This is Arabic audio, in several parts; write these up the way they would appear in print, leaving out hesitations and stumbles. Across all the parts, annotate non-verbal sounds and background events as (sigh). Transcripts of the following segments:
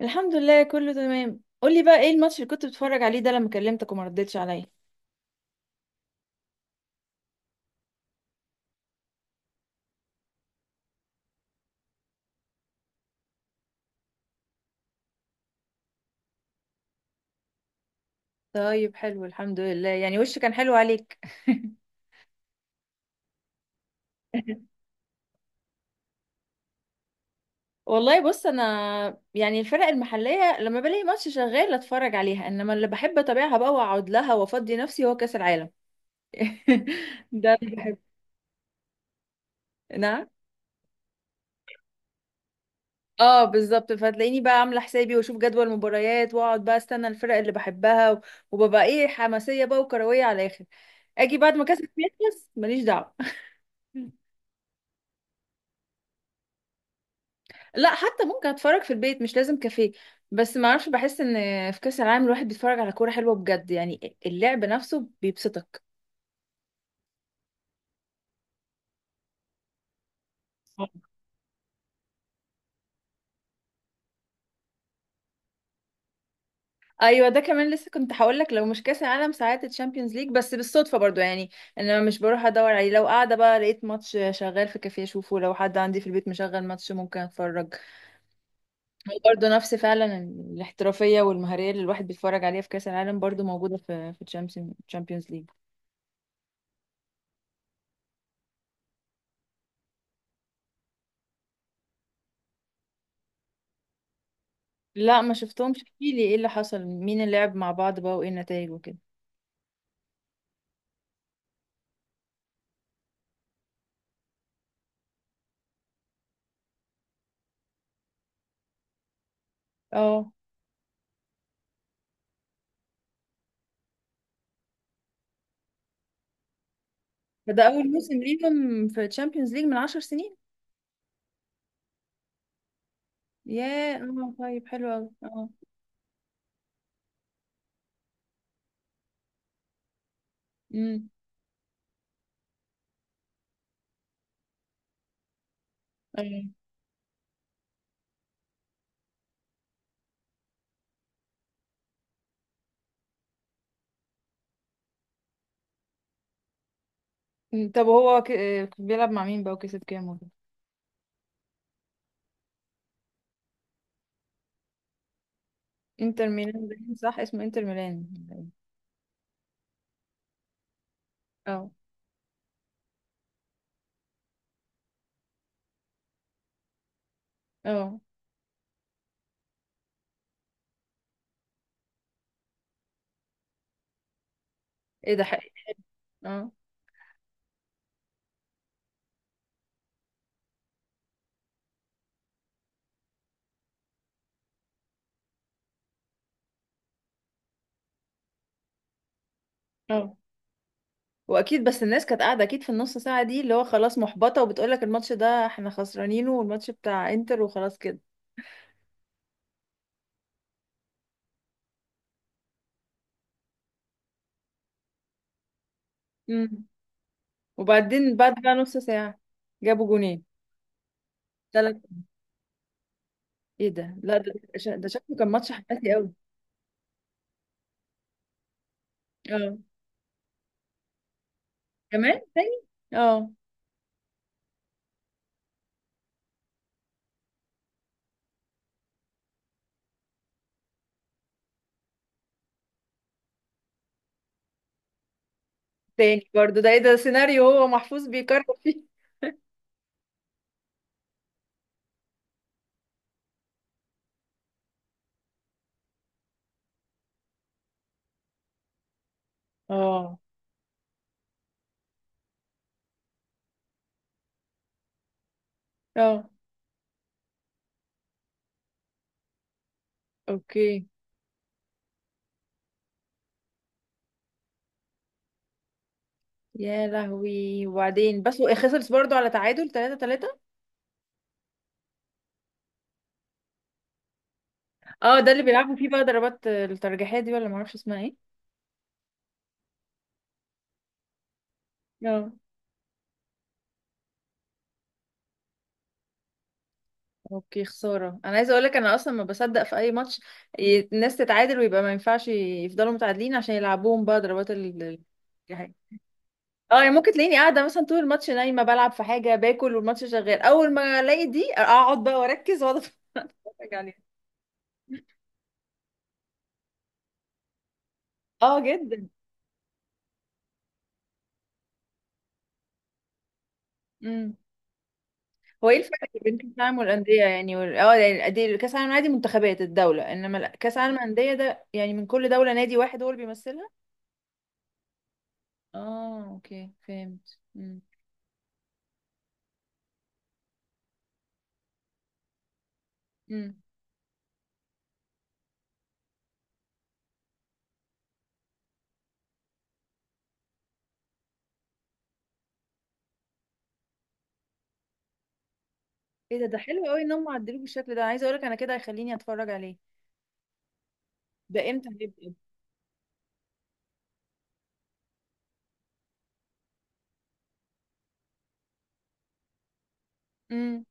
الحمد لله، كله تمام. قولي بقى ايه الماتش اللي كنت بتتفرج عليه ده لما كلمتك وما ردتش عليا؟ طيب، حلو الحمد لله، يعني وشه كان حلو عليك. (laughs) والله بص، انا يعني الفرق المحليه لما بلاقي ماتش شغال اتفرج عليها، انما اللي بحب اتابعها بقى واقعد لها وافضي نفسي هو كاس العالم. (laughs) ده اللي بحب. نعم. اه، بالظبط. فتلاقيني بقى عامله حسابي واشوف جدول مباريات واقعد بقى استنى الفرق اللي بحبها وببقى ايه حماسيه بقى وكرويه على الاخر. اجي بعد ما كاس العالم يخلص، ماليش دعوه. (laughs) لا، حتى ممكن اتفرج في البيت، مش لازم كافيه. بس ما اعرفش، بحس ان في كاس العالم الواحد بيتفرج على كوره حلوه بجد، يعني اللعب نفسه بيبسطك. ايوه، ده كمان لسه كنت هقول لك، لو مش كاس العالم ساعات الشامبيونز ليج، بس بالصدفه برضو يعني. انا مش بروح ادور عليه، لو قاعده بقى لقيت ماتش شغال في كافيه اشوفه، لو حد عندي في البيت مشغل ماتش ممكن اتفرج. هو برضو نفس فعلا الاحترافيه والمهاريه اللي الواحد بيتفرج عليها في كاس العالم برضو موجوده في الشامبيونز ليج. لا، ما شفتهمش، احكيلي ايه اللي حصل، مين اللي لعب مع بعض بقى، وايه النتائج وكده. اه، فده اول موسم ليهم في تشامبيونز ليج من عشر سنين. ياه، اه، طيب حلو قوي. اه. امم. أيوة. طب هو ك... آه، بيلعب مع مين بقى وكسب كام وكده؟ انتر ميلان باين صح اسمه، انتر ميلان. اه، اه. ايه ده، حقيقي؟ اه. اه، واكيد. بس الناس كانت قاعده اكيد في النص ساعه دي، اللي هو خلاص محبطه وبتقول لك الماتش ده احنا خسرانينه، والماتش بتاع انتر وخلاص كده. وبعدين بعد بقى نص ساعة جابوا جونين تلات. ايه ده، لا ده ده شكله كان ماتش حماسي قوي. اه. كمان تاني. اه. تاني برضه؟ ده ايه ده، سيناريو هو محفوظ بيكرر فيه. (laughs) اه، اه، اوكي. يا لهوي. وبعدين بس هو خسرت برضه على تعادل 3-3؟ اه، ده اللي بيلعبوا فيه بقى ضربات الترجيحية دي، ولا معرفش اسمها ايه. اه، اوكي. خسارة، انا عايزة اقولك انا اصلا ما بصدق في اي ماتش الناس تتعادل ويبقى ما ينفعش يفضلوا متعادلين عشان يلعبوهم بقى ضربات الجزاء. اه، يعني ممكن تلاقيني قاعدة مثلا طول الماتش نايمة بلعب في حاجة، باكل والماتش شغال، اول ما الاقي دي اقعد بقى واركز واقعد اتفرج عليها. اه، جدا. امم. هو ايه الفرق بين كاس العالم والاندية يعني وال... اه يعني كاس العالم عادي منتخبات الدولة، انما لا، كاس العالم الاندية ده يعني من كل دولة نادي واحد هو اللي بيمثلها. اه، اوكي، فهمت. امم. ايه ده حلو قوي ان هم عدلوه بالشكل ده، انا عايزه اقولك انا كده هيخليني اتفرج عليه. ده امتى هيبقى؟ امم.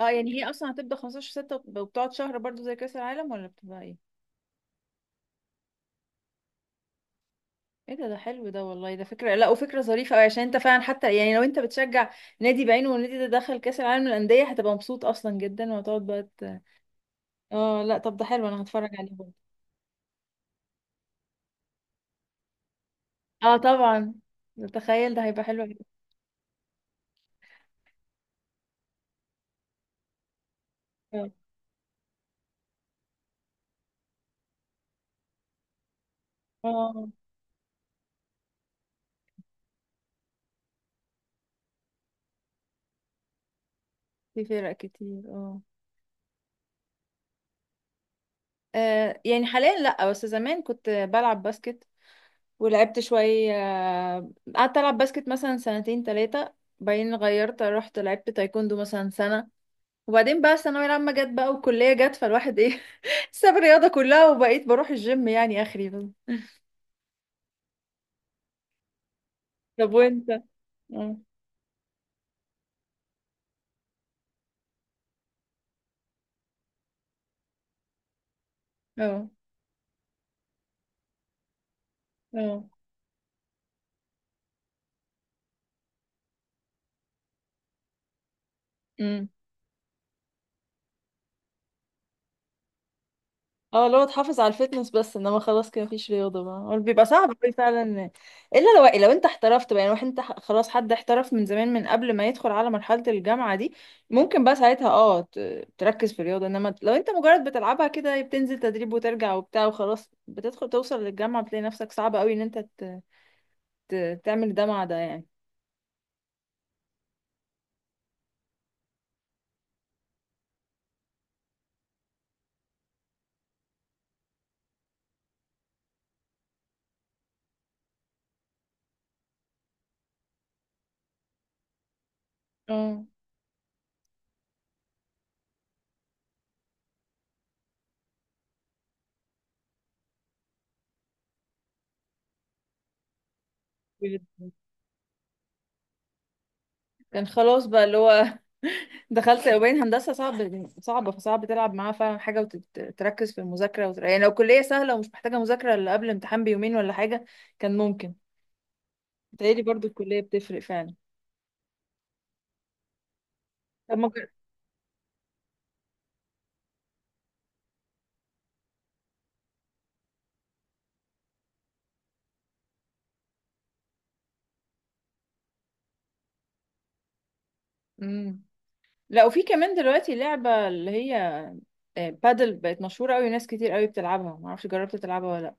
اه، يعني هي اصلا هتبدا 15/6 وبتقعد شهر برضو زي كاس العالم، ولا بتبقى ايه؟ ايه ده حلو ده والله، ده فكره، لا وفكره ظريفه قوي، عشان انت فعلا حتى يعني لو انت بتشجع نادي بعينه والنادي ده دخل كاس العالم للانديه هتبقى مبسوط اصلا جدا، وهتقعد بقى اه لا، طب ده حلو، انا هتفرج عليه برضه. اه طبعا. تخيل، ده هيبقى حلو أوي. اه. آه، في فرق كتير. اه. يعني حاليا لا، بس زمان كنت بلعب باسكت، ولعبت شوية، قعدت ألعب باسكت مثلا سنتين تلاتة، بعدين غيرت رحت لعبت تايكوندو مثلا سنة، وبعدين بقى الثانوية العامة جت بقى والكلية جت، فالواحد ايه (laughs) ساب الرياضة كلها وبقيت بروح الجيم يعني آخري بس. طب وانت؟ اه، اه، اه، اه. اللي هو تحافظ على الفتنس، بس انما خلاص كده مفيش رياضه بقى، هو بيبقى صعب قوي فعلا. الا لو انت احترفت بقى، يعني واحد انت خلاص حد احترف من زمان من قبل ما يدخل على مرحله الجامعه دي ممكن بقى ساعتها تركز في الرياضه، انما لو انت مجرد بتلعبها كده، بتنزل تدريب وترجع وبتاع وخلاص، بتدخل توصل للجامعه بتلاقي نفسك صعب قوي ان انت تعمل ده مع ده يعني. اه، كان خلاص بقى اللي هو دخلت، وبين هندسة صعبة، فصعب تلعب معاها فعلا حاجة وتركز في المذاكرة يعني لو كلية سهلة ومش محتاجة مذاكرة إلا قبل امتحان بيومين ولا حاجة كان ممكن. بتهيألي برضو الكلية بتفرق فعلا. طب ما مم. لا، وفي كمان دلوقتي لعبة اللي هي بادل بقت مشهورة قوي، ناس كتير قوي بتلعبها، معرفش جربت تلعبها ولا لأ.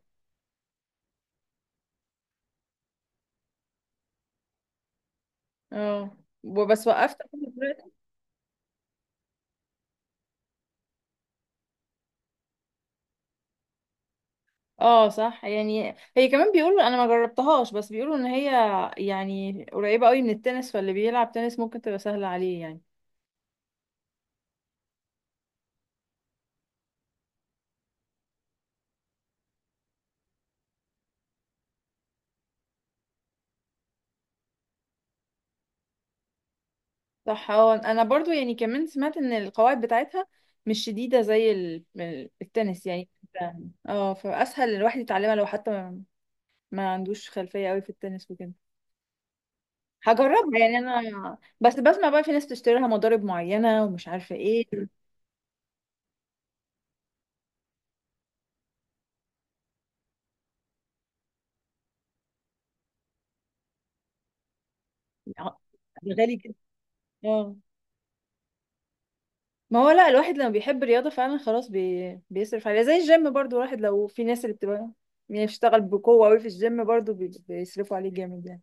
اه. وبس وقفت لحد دلوقتي. اه صح، يعني هي كمان بيقولوا، انا ما جربتهاش، بس بيقولوا ان هي يعني قريبة قوي من التنس، فاللي بيلعب تنس ممكن تبقى سهلة عليه يعني. صح، اه. انا برضو يعني كمان سمعت ان القواعد بتاعتها مش شديدة زي التنس يعني، فاسهل الواحد يتعلمها لو حتى ما عندوش خلفية قوي في التنس وكده. هجربها يعني، انا بس بسمع بقى في ناس بتشتري لها مضارب معينة ومش عارفة ايه. ع- غالي كده؟ اه. ما هو لا، الواحد لما بيحب الرياضة فعلا خلاص بيصرف عليها، زي الجيم برضو، الواحد لو في ناس اللي بتبقى يعني بتشتغل بقوة قوي في الجيم برضو بيصرفوا عليه جامد يعني.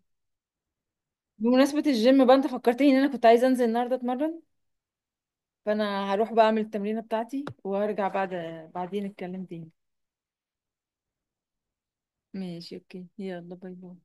بمناسبة الجيم بقى، انت فكرتني ان انا كنت عايزة انزل النهاردة اتمرن، فانا هروح بقى اعمل التمرينة بتاعتي وهرجع بعد بعدين اتكلم تاني. ماشي، اوكي، يلا باي باي.